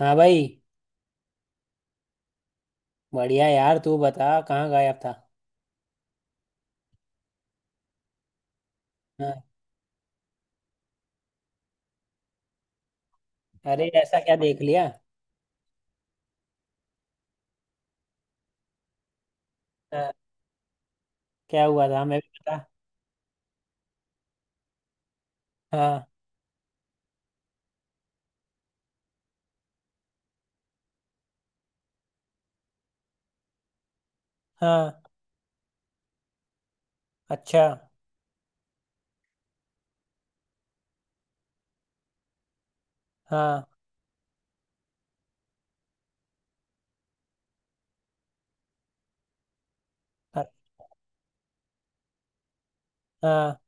हाँ भाई। बढ़िया यार, तू बता कहाँ गायब था? हाँ। अरे ऐसा क्या देख लिया? हाँ। क्या हुआ था हमें भी बता? हाँ। हाँ। अच्छा। हाँ। अ- हाँ।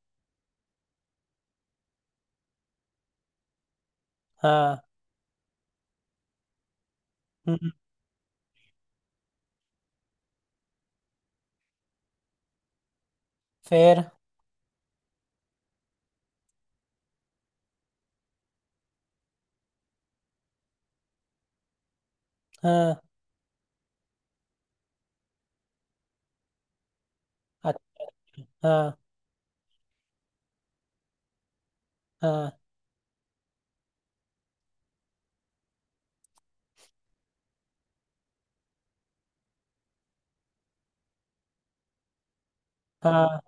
हाँ। हम्म। फिर? हाँ। अ- हाँ। हाँ। हाँ।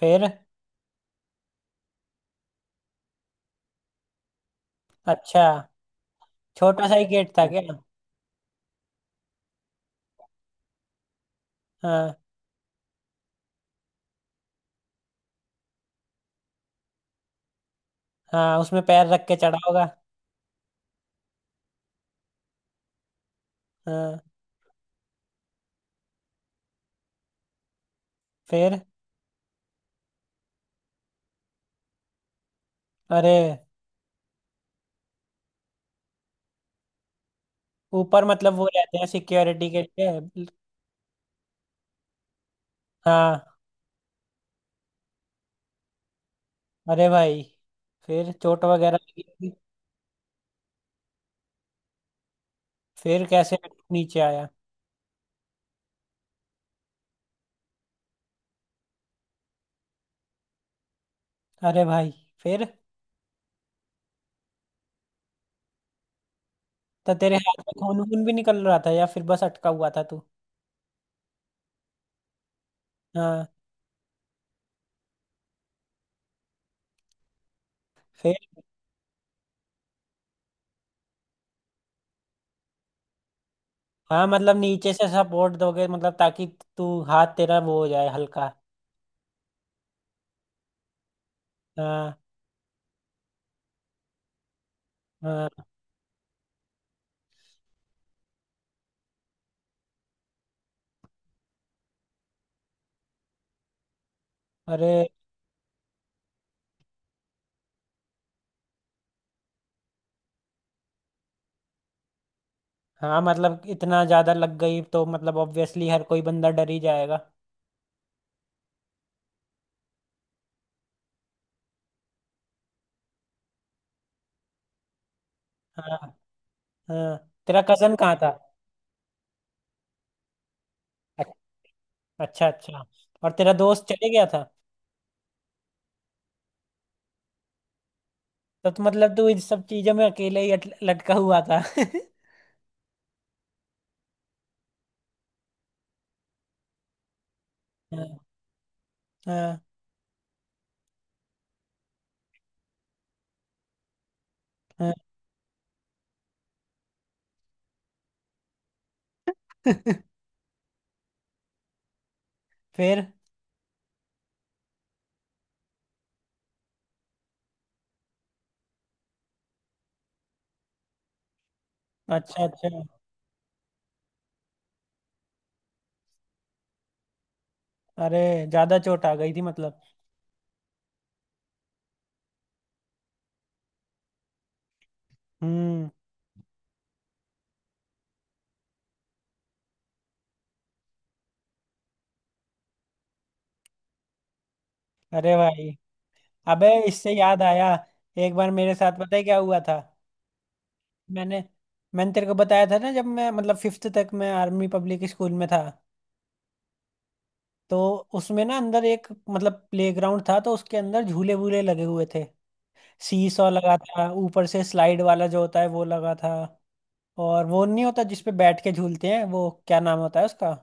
फिर? अच्छा। छोटा सा ही गेट था क्या? हाँ हाँ, उसमें पैर रख के चढ़ा होगा। हाँ। फिर? अरे। ऊपर मतलब वो रहते हैं सिक्योरिटी के लिए। हाँ। अरे भाई। फिर चोट वगैरह लगी? फिर कैसे नीचे आया? अरे भाई। फिर तो तेरे हाथ में खून वून भी निकल रहा था या फिर बस अटका हुआ था तू? हाँ। फिर? हाँ, मतलब नीचे से सपोर्ट दोगे मतलब ताकि तू हाथ तेरा वो हो जाए हल्का। हाँ हाँ। अरे। हाँ, मतलब इतना ज्यादा लग गई तो मतलब ऑब्वियसली हर कोई बंदा डर ही जाएगा। हाँ हाँ। तेरा कजन कहाँ था? अ- अच्छा अच्छा। और तेरा दोस्त चले गया था? तो मतलब तू इन सब चीजों में अकेले ही लटका हुआ था। हाँ हाँ हाँ। फिर? अच्छा अच्छा। अरे, ज्यादा चोट आ गई थी मतलब? हम्म। अरे भाई। अबे, इससे याद आया। एक बार मेरे साथ पता है क्या हुआ था। मैंने मैंने तेरे को बताया था ना, जब मैं मतलब फिफ्थ तक मैं आर्मी पब्लिक स्कूल में था। तो उसमें ना अंदर एक मतलब प्ले ग्राउंड था, तो उसके अंदर झूले वूले लगे हुए थे। सीसॉ लगा था, ऊपर से स्लाइड वाला जो होता है वो लगा था। और वो नहीं होता जिसपे बैठ के झूलते हैं, वो क्या नाम होता है उसका?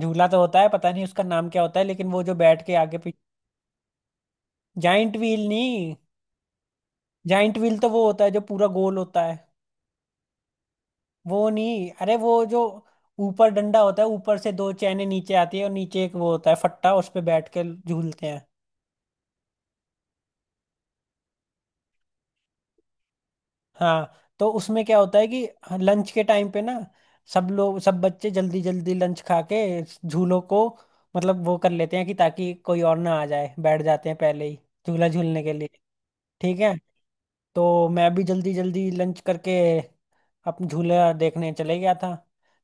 झूला तो होता है, पता नहीं उसका नाम क्या होता है, लेकिन वो जो बैठ के आगे। जाइंट व्हील नहीं? जाइंट व्हील तो वो होता है जो पूरा गोल होता है। वो नहीं, अरे वो जो ऊपर डंडा होता है, ऊपर से दो चैने नीचे आती है, और नीचे एक वो होता है फट्टा, उस पे बैठ के झूलते हैं। हाँ। तो उसमें क्या होता है कि लंच के टाइम पे ना, सब लोग सब बच्चे जल्दी जल्दी लंच खा के झूलों को मतलब वो कर लेते हैं कि ताकि कोई और ना आ जाए, बैठ जाते हैं पहले ही, झूला झूलने के लिए। ठीक है। तो मैं भी जल्दी जल्दी लंच करके अपने झूला देखने चले गया था।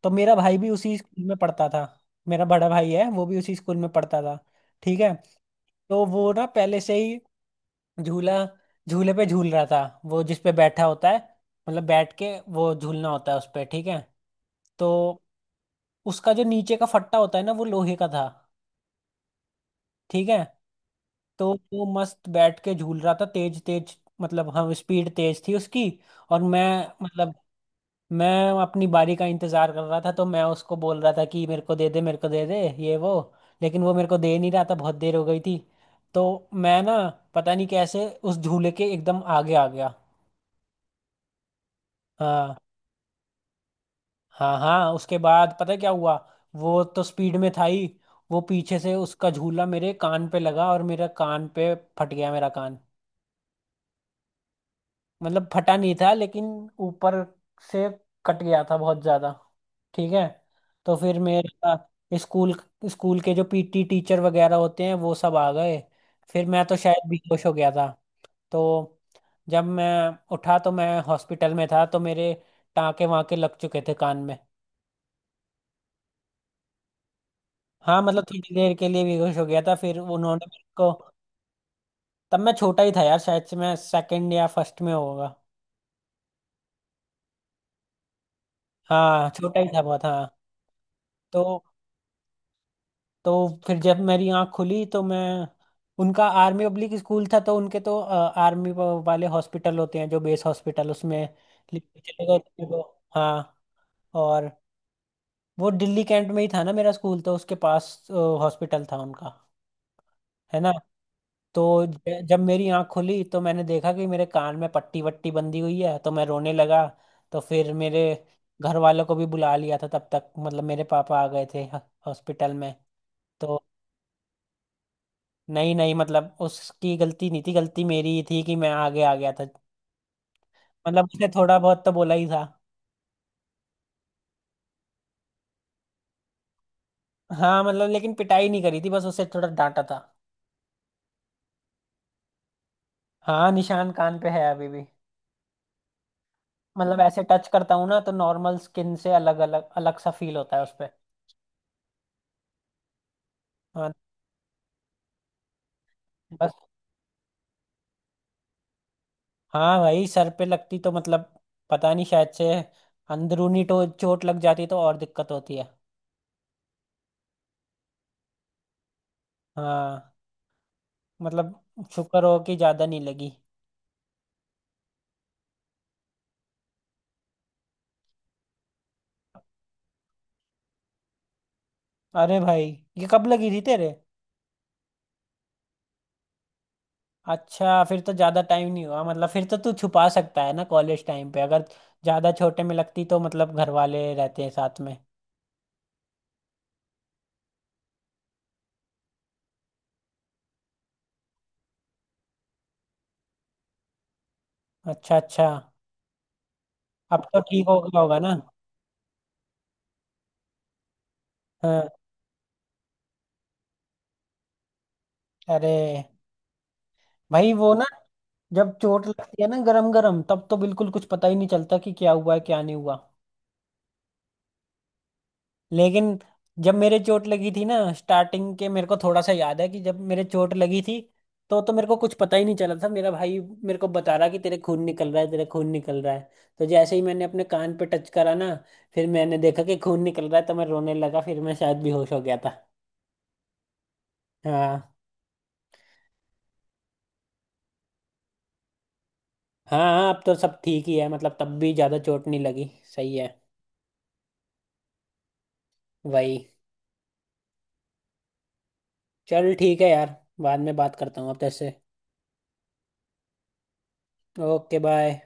तो मेरा भाई भी उसी स्कूल में पढ़ता था। मेरा बड़ा भाई है, वो भी उसी स्कूल में पढ़ता था। ठीक है। तो वो ना पहले से ही झूला झूले पे झूल रहा था। वो जिस पे बैठा होता है, मतलब बैठ के वो झूलना होता है उस पे। ठीक है। तो उसका जो नीचे का फट्टा होता है ना, वो लोहे का था। ठीक है। तो वो मस्त बैठ के झूल रहा था तेज तेज, मतलब हम स्पीड तेज थी उसकी। और मैं, मतलब मैं अपनी बारी का इंतजार कर रहा था, तो मैं उसको बोल रहा था कि मेरे को दे दे मेरे को दे दे ये वो, लेकिन वो मेरे को दे नहीं रहा था, बहुत देर हो गई थी। तो मैं ना पता नहीं कैसे उस झूले के एकदम आगे आ गया। हाँ हाँ हाँ, उसके बाद पता है क्या हुआ? वो तो स्पीड में था ही। वो पीछे से उसका झूला मेरे कान पे लगा और मेरा कान पे फट गया मेरा कान। मतलब फटा नहीं था लेकिन ऊपर से कट गया था बहुत ज्यादा। ठीक है। तो फिर मेरा स्कूल स्कूल के जो पीटी टीचर वगैरह होते हैं वो सब आ गए। फिर मैं तो शायद बेहोश हो गया था। तो जब मैं उठा तो मैं हॉस्पिटल में था, तो मेरे टाँके वाँके लग चुके थे कान में। हाँ मतलब थोड़ी देर के लिए बेहोश हो गया था, फिर उन्होंने मेरे को। तब मैं छोटा ही था यार, शायद से मैं सेकंड या फर्स्ट में होगा। हाँ छोटा ही था बहुत, हाँ। तो तो फिर जब मेरी आंख खुली तो मैं उनका आर्मी पब्लिक स्कूल था तो उनके तो आर्मी वाले हॉस्पिटल होते हैं, जो बेस हॉस्पिटल, उसमें लेके चले गए थे वो। हाँ। और वो दिल्ली कैंट में ही था ना मेरा स्कूल, तो उसके पास हॉस्पिटल था उनका, है ना? तो जब मेरी आंख खुली तो मैंने देखा कि मेरे कान में पट्टी वट्टी बंधी हुई है, तो मैं रोने लगा। तो फिर मेरे घर वालों को भी बुला लिया था तब तक, मतलब मेरे पापा आ गए थे हॉस्पिटल में। तो। नहीं नहीं, मतलब उसकी गलती नहीं थी, गलती मेरी ही थी कि मैं आगे आ गया था। मतलब उसने थोड़ा बहुत तो बोला ही था। हाँ, मतलब लेकिन पिटाई नहीं करी थी, बस उसे थोड़ा डांटा था। हाँ, निशान कान पे है अभी भी। मतलब ऐसे टच करता हूँ ना, तो नॉर्मल स्किन से अलग अलग अलग सा फील होता है उस पे। हाँ। बस। हाँ भाई, सर पे लगती तो मतलब पता नहीं, शायद से अंदरूनी तो चोट लग जाती तो और दिक्कत होती है। हाँ मतलब शुक्र हो कि ज्यादा नहीं लगी। अरे भाई। ये कब लगी थी तेरे? अच्छा, फिर तो ज्यादा टाइम नहीं हुआ, मतलब फिर तो तू छुपा सकता है ना कॉलेज टाइम पे, अगर ज्यादा छोटे में लगती तो मतलब घर वाले रहते हैं साथ में। अच्छा अच्छा। अब तो ठीक हो गया होगा ना? हाँ। अरे भाई, वो ना जब चोट लगती है ना गरम गरम तब तो बिल्कुल कुछ पता ही नहीं चलता कि क्या हुआ है क्या नहीं हुआ। लेकिन जब मेरे चोट लगी थी ना स्टार्टिंग के, मेरे को थोड़ा सा याद है कि जब मेरे चोट लगी थी तो मेरे को कुछ पता ही नहीं चला था, मेरा भाई मेरे को बता रहा कि तेरे खून निकल रहा है तेरे खून निकल रहा है। तो जैसे ही मैंने अपने कान पे टच करा ना, फिर मैंने देखा कि खून निकल रहा है तो मैं रोने लगा, फिर मैं शायद बेहोश हो गया था। हाँ हाँ हाँ, अब तो सब ठीक ही है मतलब, तब भी ज़्यादा चोट नहीं लगी। सही है। वही। चल ठीक है यार, बाद में बात करता हूँ अब तेरे से। Okay bye.